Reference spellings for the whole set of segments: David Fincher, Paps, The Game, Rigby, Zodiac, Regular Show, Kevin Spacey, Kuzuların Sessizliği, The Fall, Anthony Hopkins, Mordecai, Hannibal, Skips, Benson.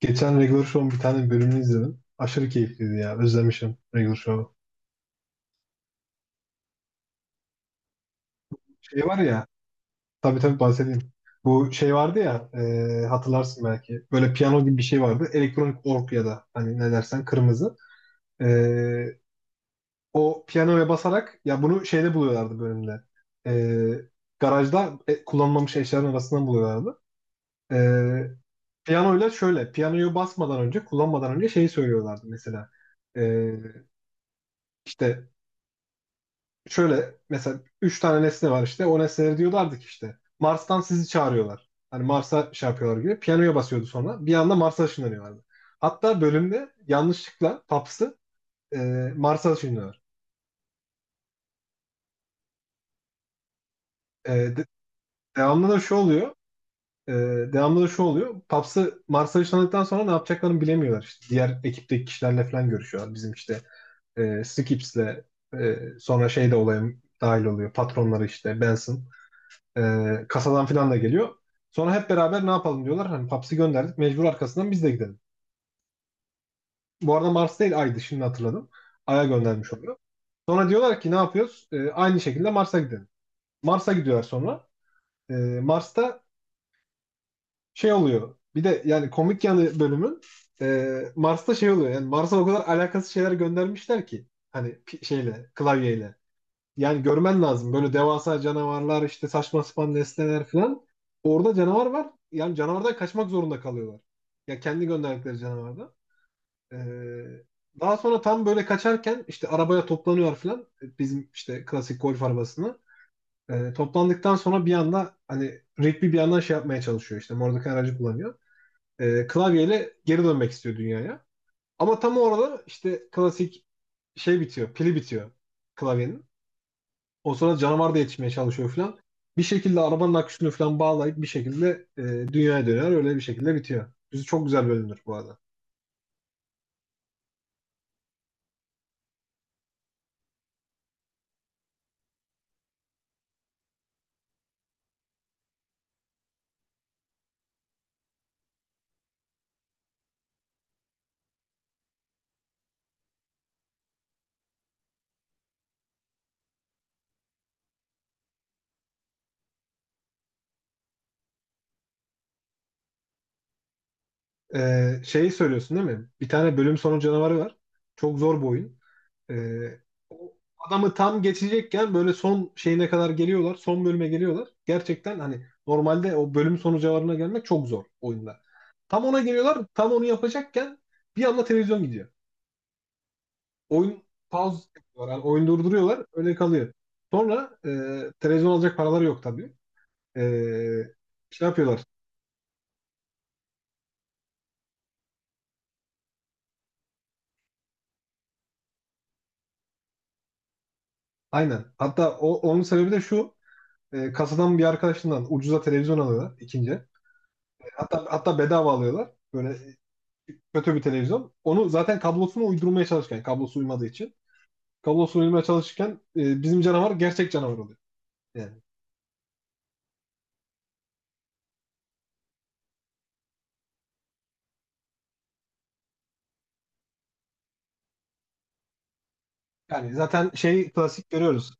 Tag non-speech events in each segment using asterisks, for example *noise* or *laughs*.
Geçen Regular Show'un bir tane bölümünü izledim. Aşırı keyifliydi ya. Özlemişim Regular Show'u. Şey var ya. Tabii tabii bahsedeyim. Bu şey vardı ya. Hatırlarsın belki. Böyle piyano gibi bir şey vardı. Elektronik org ya da hani ne dersen kırmızı. E, O piyanoya basarak ya bunu şeyde buluyorlardı bölümde. E, Garajda kullanılmamış eşyaların arasından buluyorlardı. E, Piyanoyla şöyle. Piyanoyu basmadan önce kullanmadan önce şeyi söylüyorlardı mesela. E, işte şöyle mesela üç tane nesne var işte. O nesneleri diyorlardı ki işte Mars'tan sizi çağırıyorlar. Hani Mars'a şey yapıyorlar gibi. Piyanoya basıyordu sonra. Bir anda Mars'a ışınlanıyorlardı. Hatta bölümde yanlışlıkla Paps'ı e, Mars'a ışınlıyorlar. E, de- Devamlı da şu oluyor. e, Devamlı da şu oluyor. Paps'ı Mars'a ışınladıktan sonra ne yapacaklarını bilemiyorlar. İşte diğer ekipteki kişilerle falan görüşüyorlar. Bizim işte Skips'le sonra şey de olaya dahil oluyor. Patronları işte Benson. Kasadan filan da geliyor. Sonra hep beraber ne yapalım diyorlar. Hani Paps'i gönderdik. Mecbur arkasından biz de gidelim. Bu arada Mars değil Ay'dı şimdi hatırladım. Ay'a göndermiş oluyor. Sonra diyorlar ki ne yapıyoruz? Aynı şekilde Mars'a gidelim. Mars'a gidiyorlar sonra. Ee, Mars'ta şey oluyor. Bir de yani komik yanı bölümün Mars'ta şey oluyor. Yani Mars'a o kadar alakasız şeyler göndermişler ki. Hani şeyle, klavyeyle. Yani görmen lazım. Böyle devasa canavarlar, işte saçma sapan nesneler falan. Orada canavar var. Yani canavardan kaçmak zorunda kalıyorlar. Ya kendi gönderdikleri canavardan. Ee, Daha sonra tam böyle kaçarken işte arabaya toplanıyor falan. Bizim işte klasik golf arabasına. Toplandıktan sonra bir anda hani Rigby bir yandan şey yapmaya çalışıyor işte. Mordecai aracı kullanıyor. Klavyeyle geri dönmek istiyor dünyaya. Ama tam orada işte klasik şey bitiyor. Pili bitiyor klavyenin. O sırada canavar da yetişmeye çalışıyor falan. Bir şekilde arabanın aküsünü falan bağlayıp bir şekilde dünyaya dönüyor. Öyle bir şekilde bitiyor. Bizi çok güzel bölümdür bu arada. Şeyi söylüyorsun değil mi? Bir tane bölüm sonu canavarı var. Çok zor bu oyun. E, O adamı tam geçecekken böyle son şeyine kadar geliyorlar. Son bölüme geliyorlar. Gerçekten hani normalde o bölüm sonu canavarına gelmek çok zor oyunda. Tam ona geliyorlar. Tam onu yapacakken bir anda televizyon gidiyor. Oyun pause yapıyorlar. Yani oyunu durduruyorlar. Öyle kalıyor. Sonra televizyon alacak paraları yok tabii. E, Şey yapıyorlar. Aynen. Hatta onun sebebi de şu. Kasadan bir arkadaşından ucuza televizyon alıyorlar ikinci. Hatta hatta bedava alıyorlar. Böyle kötü bir televizyon. Onu zaten kablosunu uydurmaya çalışırken, kablosu uymadığı için. Kablosunu uydurmaya çalışırken bizim canavar gerçek canavar oluyor. Yani, Yani zaten şey klasik görüyoruz.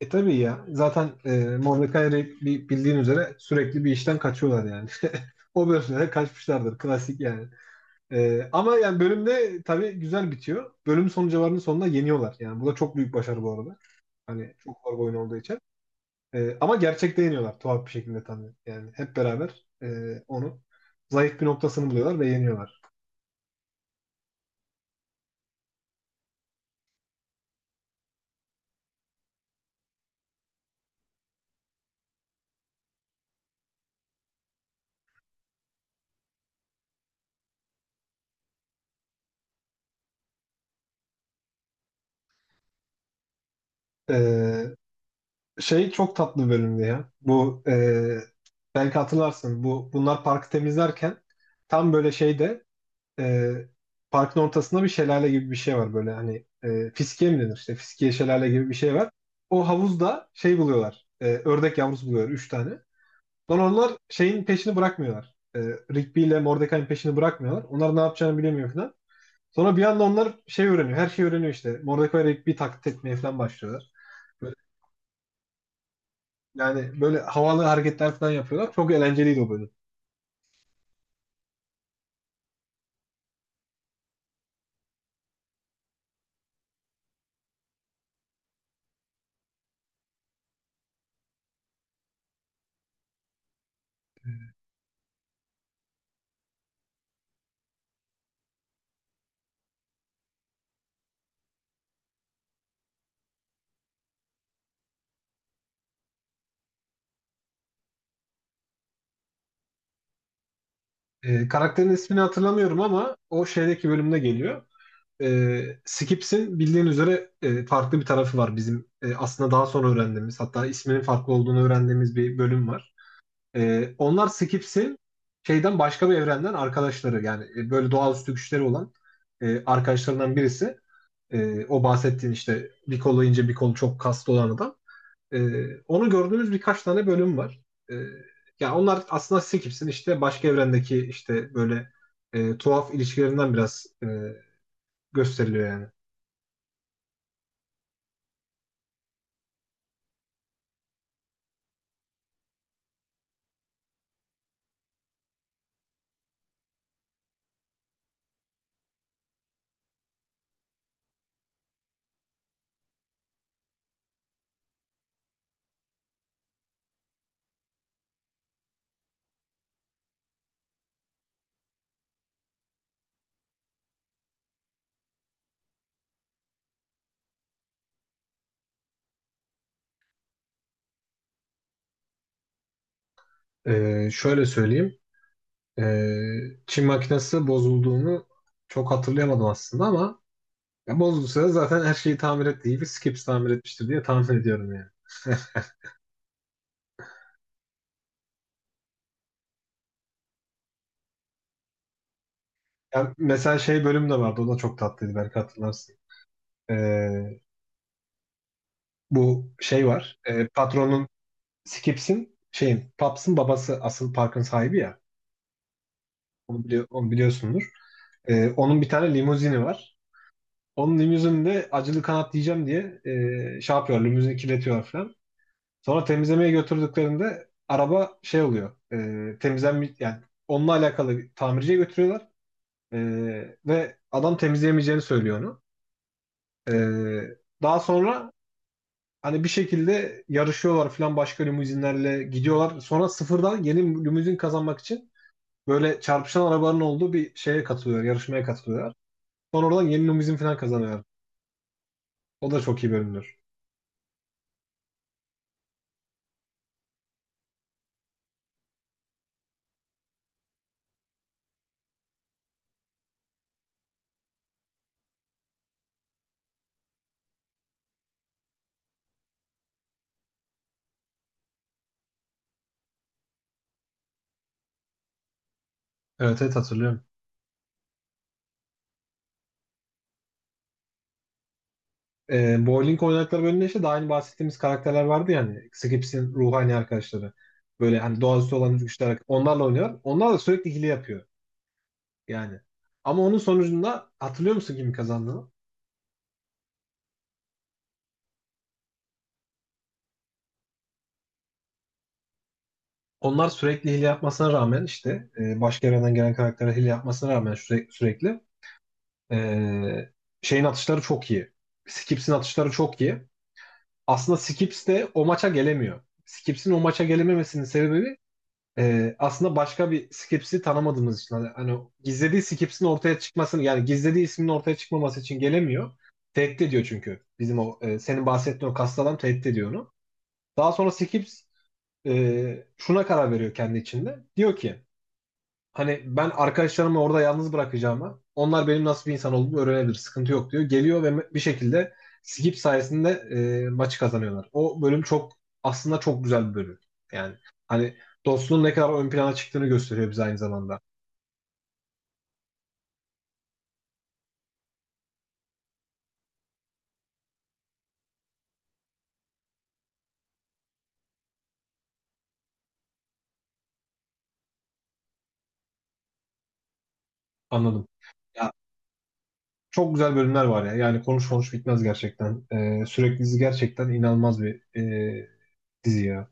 E tabii ya. Zaten Mordecai ile bildiğin üzere sürekli bir işten kaçıyorlar yani. *laughs* O bölümde kaçmışlardır. Klasik yani. Ama yani bölümde tabii güzel bitiyor. Bölüm son cevabının sonunda yeniyorlar. Yani bu da çok büyük başarı bu arada. Hani çok zor bir oyun olduğu için. Ama gerçekte yeniyorlar tuhaf bir şekilde tabii. Yani hep beraber onu zayıf bir noktasını buluyorlar ve yeniyorlar. E, Şey çok tatlı bir bölümdü ya. Bu belki hatırlarsın. Bu bunlar parkı temizlerken tam böyle şeyde e, parkın ortasında bir şelale gibi bir şey var böyle hani fiskiye mi denir işte fiskiye şelale gibi bir şey var. O havuzda şey buluyorlar ördek yavrusu buluyorlar 3 tane. Sonra onlar şeyin peşini bırakmıyorlar. Rigby ile Mordecai'nin peşini bırakmıyorlar. Onlar ne yapacağını bilemiyor falan. Sonra bir anda onlar şey öğreniyor. Her şeyi öğreniyor işte. Mordecai ve Rigby taklit etmeye falan başlıyorlar. Böyle- Yani böyle havalı hareketler falan yapıyorlar. Çok eğlenceliydi o bölüm. Karakterin ismini hatırlamıyorum ama o şeydeki bölümde geliyor. Skips'in bildiğin üzere farklı bir tarafı var bizim aslında daha sonra öğrendiğimiz hatta isminin farklı olduğunu öğrendiğimiz bir bölüm var. Onlar Skips'in şeyden başka bir evrenden arkadaşları yani böyle doğaüstü güçleri olan arkadaşlarından birisi. O bahsettiğin işte bir kolu ince bir kolu çok kaslı olan adam. Onu gördüğümüz birkaç tane bölüm var. E, Ya onlar aslında Skips'in işte başka evrendeki işte böyle tuhaf ilişkilerinden biraz gösteriliyor yani. Şöyle söyleyeyim. Ee, Çin makinesi bozulduğunu çok hatırlayamadım aslında ama ya bozulduysa da zaten her şeyi tamir ettiği İyi bir Skips tamir etmiştir diye tahmin ediyorum yani. Ya mesela şey bölüm de vardı. O da çok tatlıydı belki hatırlarsın. Ee, Bu şey var. Patronun Skips'in şeyin Paps'ın babası asıl parkın sahibi ya. Onu biliyorsundur. Onun bir tane limuzini var. Onun limuzininde acılı kanat diyeceğim diye şey yapıyor. Limuzini kirletiyor falan. Sonra temizlemeye götürdüklerinde araba şey oluyor. Temizlenme yani onunla alakalı bir tamirciye götürüyorlar. E, Ve adam temizleyemeyeceğini söylüyor onu. E, Daha sonra hani bir şekilde yarışıyorlar falan başka limuzinlerle gidiyorlar. Sonra sıfırdan yeni limuzin kazanmak için böyle çarpışan arabaların olduğu bir şeye katılıyor, yarışmaya katılıyorlar. Sonra oradan yeni limuzin falan kazanıyorlar. O da çok iyi bölümdür. Evet, evet hatırlıyorum. Bowling oynadıkları bölümde işte daha önce bahsettiğimiz karakterler vardı ya hani Skips'in ruhani arkadaşları. Böyle hani doğaüstü olan güçler onlarla oynuyor. Onlar da sürekli hile yapıyor yani. Ama onun sonucunda hatırlıyor musun kimin kazandığını? Onlar sürekli hile yapmasına rağmen işte başka evrenden gelen karaktere hile yapmasına rağmen sürekli e, şeyin atışları çok iyi. Skips'in atışları çok iyi. Aslında Skips de o maça gelemiyor. Skips'in o maça gelememesinin sebebi aslında başka bir Skips'i tanımadığımız için hani gizlediği Skips'in ortaya çıkmasını yani gizlediği isminin ortaya çıkmaması için gelemiyor. Tehdit ediyor çünkü. Bizim o senin bahsettiğin o kaslı adam tehdit ediyor onu. Daha sonra Skips şuna karar veriyor kendi içinde. Diyor ki hani ben arkadaşlarımı orada yalnız bırakacağımı, onlar benim nasıl bir insan olduğumu öğrenebilir, sıkıntı yok diyor. Geliyor ve bir şekilde skip sayesinde maçı kazanıyorlar. O bölüm çok aslında çok güzel bir bölüm. Yani hani dostluğun ne kadar ön plana çıktığını gösteriyor bize aynı zamanda. Anladım. Ya çok güzel bölümler var ya. Yani konuş konuş bitmez gerçekten. Sürekli dizi gerçekten inanılmaz bir e, dizi ya.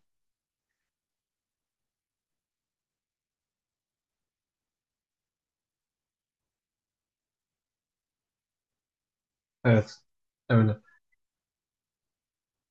Evet. Evet.